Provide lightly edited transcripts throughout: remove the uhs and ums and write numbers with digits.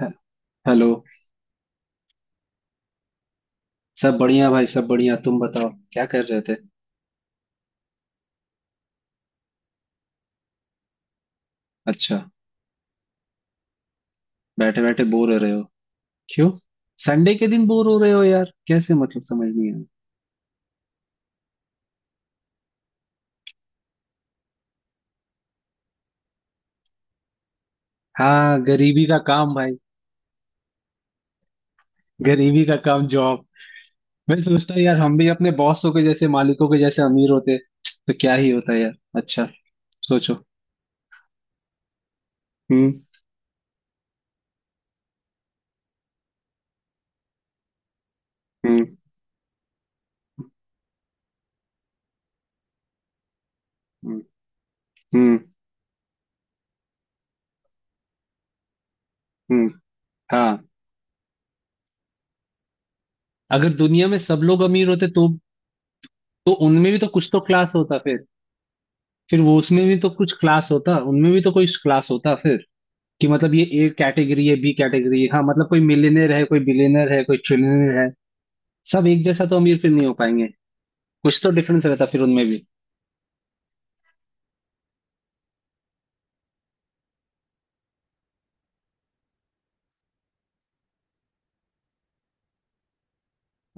हे- hello. सब बढ़िया भाई, सब बढ़िया। तुम बताओ, क्या कर रहे थे? अच्छा। बैठे बैठे बोर हो रहे हो? क्यों? संडे के दिन बोर हो रहे हो यार, कैसे? मतलब समझ नहीं आया। हाँ, गरीबी का काम भाई। गरीबी का काम, जॉब। मैं सोचता हूँ यार, हम भी अपने बॉसों के जैसे, मालिकों के जैसे अमीर होते तो क्या ही होता यार। अच्छा, सोचो। हम्म, हम्म, हम्म, हम्म, हम्म, हाँ। अगर दुनिया में सब लोग अमीर होते तो उनमें भी तो कुछ तो क्लास होता फिर। फिर वो, उसमें भी तो कुछ क्लास होता, उनमें भी तो कोई क्लास होता फिर। कि मतलब ये ए कैटेगरी है, बी कैटेगरी है, हाँ, मतलब कोई मिलियनेयर है, कोई बिलियनर है, कोई ट्रिलियनर है। सब एक जैसा तो अमीर फिर नहीं हो पाएंगे। कुछ तो डिफरेंस रहता फिर उनमें भी।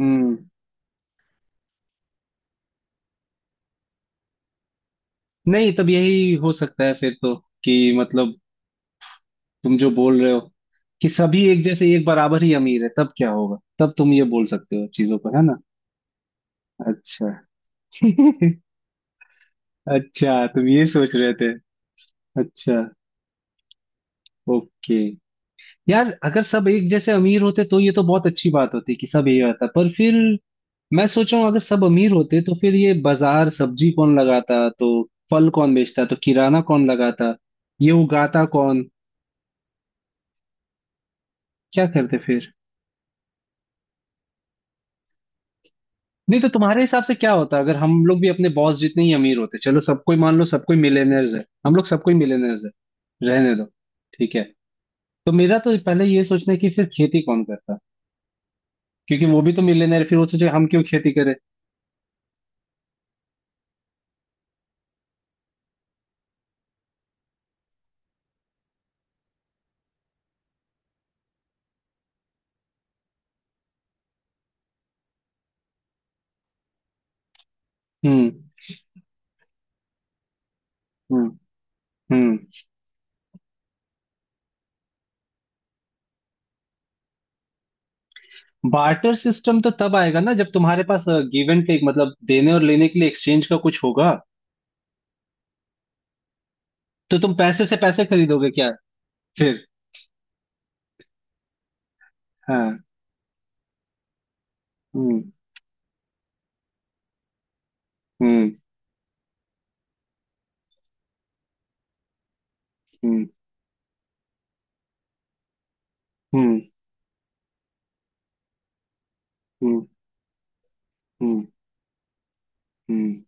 हम्म। नहीं, तब यही हो सकता है फिर तो, कि मतलब तुम जो बोल रहे हो कि सभी एक जैसे, एक बराबर ही अमीर है, तब क्या होगा, तब तुम ये बोल सकते हो चीजों पर, है ना। अच्छा। अच्छा, तुम ये सोच रहे थे। अच्छा, ओके। यार अगर सब एक जैसे अमीर होते तो ये तो बहुत अच्छी बात होती कि सब यही होता, पर फिर मैं सोच रहा हूँ अगर सब अमीर होते तो फिर ये बाजार सब्जी कौन लगाता, तो फल कौन बेचता, तो किराना कौन लगाता, ये उगाता कौन, क्या करते फिर? नहीं तो तुम्हारे हिसाब से क्या होता अगर हम लोग भी अपने बॉस जितने ही अमीर होते। चलो सबको ही मान लो, सबको मिलेनियर्स है, हम लोग सबको ही मिलेनियर्स है। रहने दो। ठीक है। तो मेरा तो पहले ये सोचना है कि फिर खेती कौन करता, क्योंकि वो भी तो मिलेनियर, फिर वो सोचे हम क्यों खेती करें। हम्म, हम्म, हम्म। बार्टर सिस्टम तो तब आएगा ना जब तुम्हारे पास गिव एंड टेक, मतलब देने और लेने के लिए एक्सचेंज का कुछ होगा। तो तुम पैसे से पैसे खरीदोगे क्या फिर? हाँ, हम्म, हम्म, हम्म, हम्म, हम्म, हम्म, हम्म।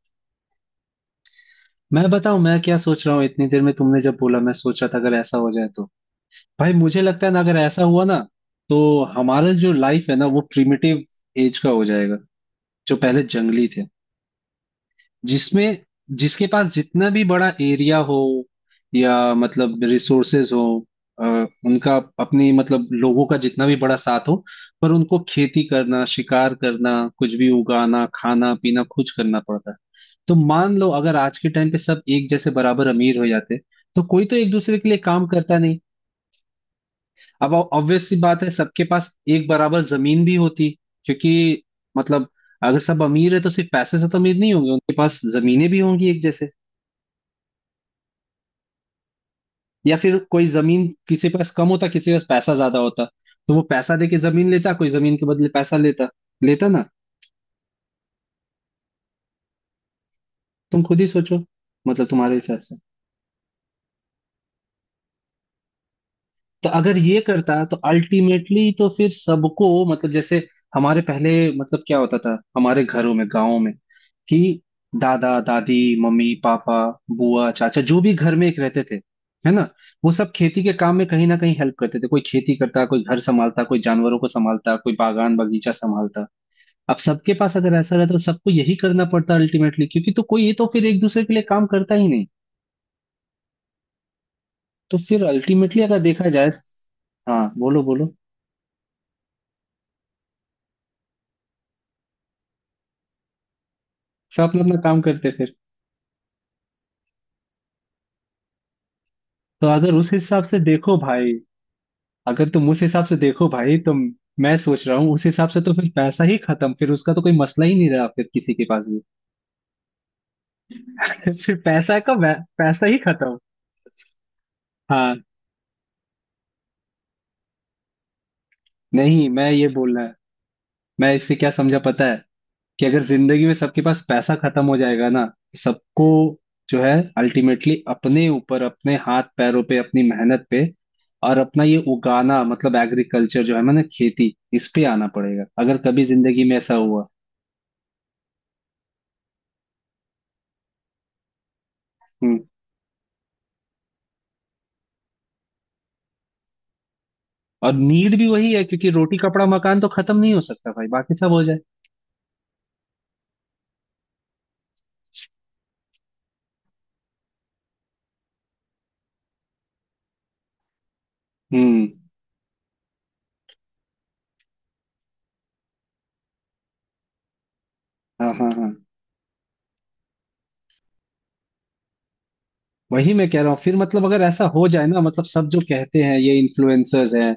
मैं बताऊं मैं क्या सोच रहा हूँ, इतनी देर में तुमने जब बोला मैं सोच रहा था अगर ऐसा हो जाए तो। भाई, मुझे लगता है ना, अगर ऐसा हुआ ना तो हमारा जो लाइफ है ना, वो प्रिमिटिव एज का हो जाएगा। जो पहले जंगली थे, जिसमें जिसके पास जितना भी बड़ा एरिया हो, या मतलब रिसोर्सेज हो, अ, उनका अपनी मतलब लोगों का जितना भी बड़ा साथ हो। पर उनको खेती करना, शिकार करना, कुछ भी उगाना, खाना पीना खुद करना पड़ता है। तो मान लो अगर आज के टाइम पे सब एक जैसे बराबर अमीर हो जाते, तो कोई तो एक दूसरे के लिए काम करता नहीं। अब ऑब्वियस सी बात है सबके पास एक बराबर जमीन भी होती, क्योंकि मतलब अगर सब अमीर है तो सिर्फ पैसे से तो अमीर नहीं होंगे, उनके पास जमीनें भी होंगी एक जैसे। या फिर कोई जमीन किसी के पास कम होता, किसी के पास पैसा ज्यादा होता, तो वो पैसा देके जमीन लेता, कोई जमीन के बदले पैसा लेता, लेता ना। तुम खुद ही सोचो, मतलब तुम्हारे हिसाब से। तो अगर ये करता तो अल्टीमेटली तो फिर सबको, मतलब जैसे हमारे पहले, मतलब क्या होता था हमारे घरों में, गाँव में, कि दादा दादी, मम्मी पापा, बुआ चाचा, जो भी घर में एक रहते थे, है ना। वो सब खेती के काम में कहीं ना कहीं हेल्प करते थे, कोई खेती करता, कोई घर संभालता, कोई जानवरों को संभालता, कोई बागान बगीचा संभालता। अब सबके पास अगर ऐसा रहता तो सबको यही करना पड़ता अल्टीमेटली, क्योंकि तो कोई तो फिर एक दूसरे के लिए काम करता ही नहीं। तो फिर अल्टीमेटली अगर देखा जाए। हाँ बोलो बोलो। सब अपना अपना काम करते फिर। तो अगर उस हिसाब से देखो भाई अगर तुम उस हिसाब से देखो भाई तो, मैं सोच रहा हूँ उस हिसाब से तो फिर पैसा ही खत्म, फिर उसका तो कोई मसला ही नहीं रहा फिर किसी के पास भी। फिर पैसा ही खत्म। हाँ। नहीं मैं ये बोलना है, मैं इससे क्या समझा पता है, कि अगर जिंदगी में सबके पास पैसा खत्म हो जाएगा ना, तो सबको जो है अल्टीमेटली अपने ऊपर, अपने हाथ पैरों पे, अपनी मेहनत पे, और अपना ये उगाना मतलब एग्रीकल्चर जो है ना, खेती, इस पे आना पड़ेगा अगर कभी जिंदगी में ऐसा हुआ। हम्म। और नीड भी वही है, क्योंकि रोटी कपड़ा मकान तो खत्म नहीं हो सकता भाई, बाकी सब हो जाए। हम्म, हाँ, हाँ, हाँ। वही मैं कह रहा हूँ फिर, मतलब अगर ऐसा हो जाए ना, मतलब सब जो कहते हैं ये इन्फ्लुएंसर्स हैं,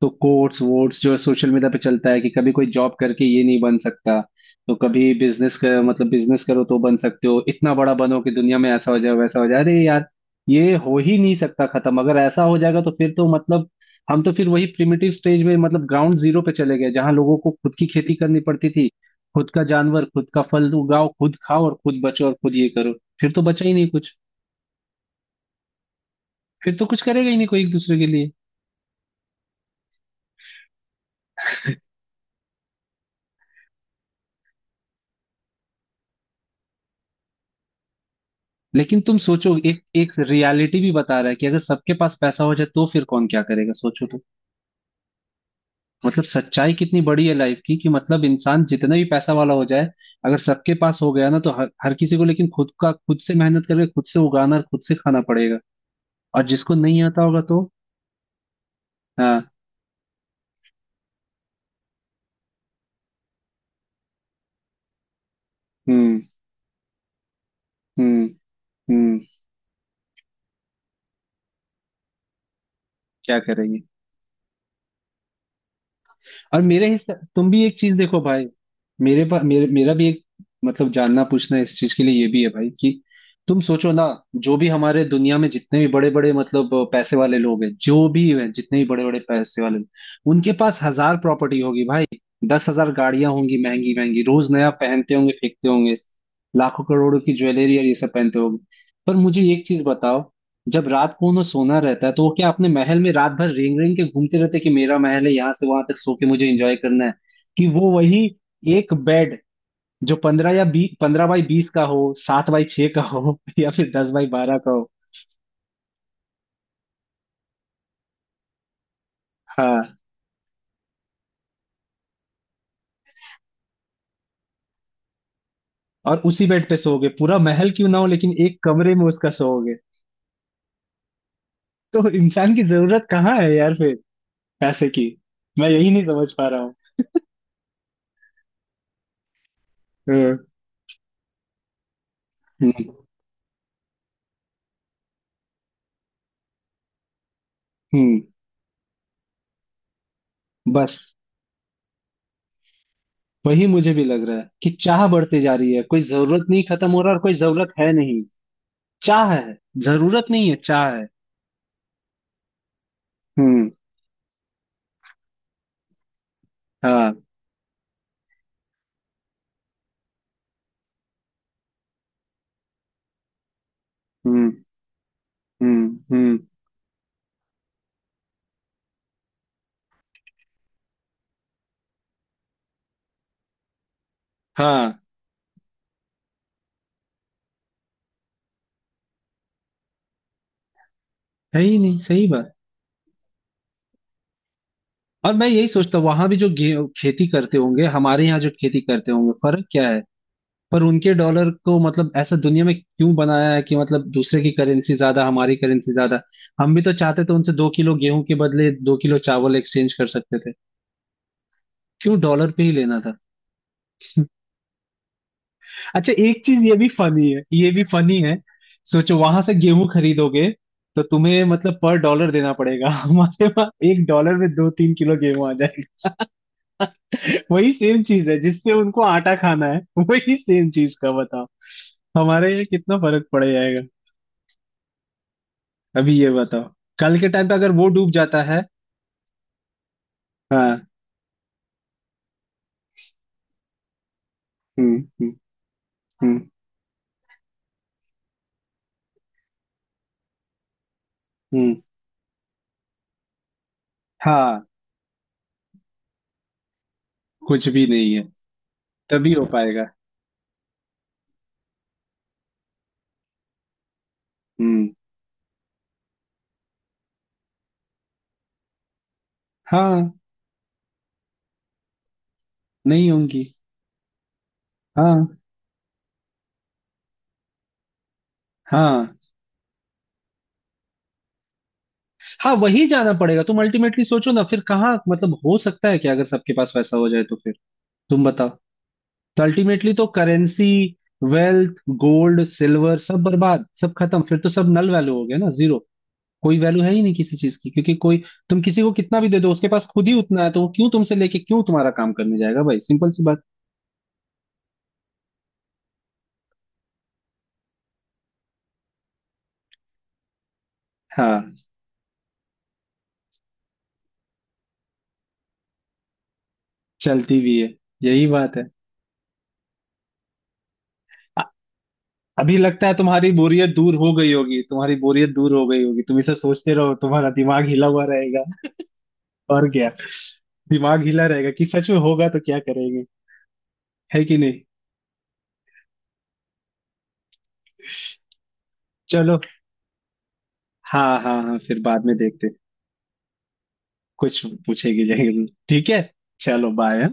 तो कोट्स वोट्स जो सोशल मीडिया पे चलता है कि कभी कोई जॉब करके ये नहीं बन सकता, तो कभी बिजनेस कर मतलब बिजनेस करो तो बन सकते हो, इतना बड़ा बनो कि दुनिया में ऐसा हो जाए वैसा हो जाए, अरे यार ये हो ही नहीं सकता, खत्म। अगर ऐसा हो जाएगा तो फिर तो मतलब हम तो फिर वही प्रिमिटिव स्टेज में, मतलब ग्राउंड जीरो पे चले गए, जहां लोगों को खुद की खेती करनी पड़ती थी, खुद का जानवर, खुद का फल उगाओ, खुद खाओ और खुद बचो और खुद ये करो। फिर तो बचा ही नहीं कुछ। फिर तो कुछ करेगा ही नहीं कोई एक दूसरे के लिए। लेकिन तुम सोचो, एक एक रियलिटी भी बता रहा है कि अगर सबके पास पैसा हो जाए तो फिर कौन क्या करेगा, सोचो तो। मतलब सच्चाई कितनी बड़ी है लाइफ की, कि मतलब इंसान जितना भी पैसा वाला हो जाए, अगर सबके पास हो गया ना, तो हर किसी को लेकिन खुद का, खुद से मेहनत करके, खुद से उगाना और खुद से खाना पड़ेगा। और जिसको नहीं आता होगा तो। हाँ, हम्म, हम्म, हम्म। क्या करेंगे? और मेरे हिसाब तुम भी एक चीज देखो भाई, मेरे पास मेरे मेरा भी एक मतलब जानना, पूछना इस चीज के लिए ये भी है भाई, कि तुम सोचो ना। जो भी हमारे दुनिया में जितने भी बड़े बड़े मतलब पैसे वाले लोग हैं, जो भी हैं, जितने भी बड़े बड़े पैसे वाले लोग, उनके पास हजार प्रॉपर्टी होगी भाई, 10,000 गाड़ियां होंगी महंगी महंगी, रोज नया पहनते होंगे, फेंकते होंगे, लाखों करोड़ों की ज्वेलरी और ये सब पहनते होंगे। पर मुझे एक चीज बताओ, जब रात को उन्हें सोना रहता है तो वो क्या अपने महल में रात भर रेंग रेंग के घूमते रहते हैं कि मेरा महल है यहाँ से वहां तक, सो के मुझे एंजॉय करना है? कि वो वही एक बेड, जो 15 या बी 15×20 का हो, 7×6 का हो, या फिर 10×12 का हो। हाँ। और उसी बेड पे सोओगे, पूरा महल क्यों ना हो लेकिन एक कमरे में उसका सोओगे। तो इंसान की जरूरत कहाँ है यार फिर, पैसे की? मैं यही नहीं समझ पा रहा हूँ। हम्म, हम्म, हम्म। बस वही मुझे भी लग रहा है कि चाह बढ़ती जा रही है, कोई जरूरत नहीं खत्म हो रहा, और कोई जरूरत है नहीं। चाह है, जरूरत नहीं है, चाह है। हम्म, हाँ, हम्म, हम्म, हम्म, हाँ। है ही नहीं, सही बात। और मैं यही सोचता हूँ, वहां भी जो खेती करते होंगे, हमारे यहाँ जो खेती करते होंगे, फर्क क्या है? पर उनके डॉलर को, मतलब ऐसा दुनिया में क्यों बनाया है कि मतलब दूसरे की करेंसी ज्यादा, हमारी करेंसी ज्यादा। हम भी तो चाहते तो उनसे 2 किलो गेहूं के बदले 2 किलो चावल एक्सचेंज कर सकते थे, क्यों डॉलर पे ही लेना था? अच्छा, एक चीज ये भी फनी है, ये भी फनी है। सोचो, वहां से गेहूं खरीदोगे तो तुम्हें मतलब पर डॉलर देना पड़ेगा, हमारे वहां $1 में 2-3 किलो गेहूं आ जाएगा। वही सेम चीज है जिससे उनको आटा खाना है। वही सेम चीज का बताओ हमारे यहाँ कितना फर्क पड़ जाएगा। अभी ये बताओ, कल के टाइम पे अगर वो डूब जाता है। हाँ, हम्म, हम्म, हम्म, हम्म, हाँ। कुछ भी नहीं है तभी हो पाएगा। हम्म, हाँ, नहीं होंगी, हाँ, हाँ, हाँ। वही जाना पड़ेगा तुम अल्टीमेटली, सोचो ना फिर कहाँ, मतलब हो सकता है क्या अगर सबके पास पैसा हो जाए तो फिर? तुम बताओ। तो अल्टीमेटली तो करेंसी, वेल्थ, गोल्ड, सिल्वर, सब बर्बाद, सब खत्म, फिर तो सब नल वैल्यू हो गया ना, जीरो। कोई वैल्यू है ही नहीं किसी चीज की, क्योंकि कोई, तुम किसी को कितना भी दे दो उसके पास खुद ही उतना है, तो वो क्यों तुमसे लेके क्यों तुम्हारा काम करने जाएगा भाई, सिंपल सी बात। हाँ, चलती भी है, यही बात है। अभी लगता है तुम्हारी बोरियत दूर हो गई होगी, तुम्हारी बोरियत दूर हो गई होगी, तुम इसे सोचते रहो, तुम्हारा दिमाग हिला हुआ रहेगा। और क्या, दिमाग हिला रहेगा कि सच में होगा तो क्या करेंगे, है कि नहीं? चलो, हाँ, हाँ, हाँ, फिर बाद में देखते। कुछ पूछेगी जरूर, ठीक है, चलो बाय।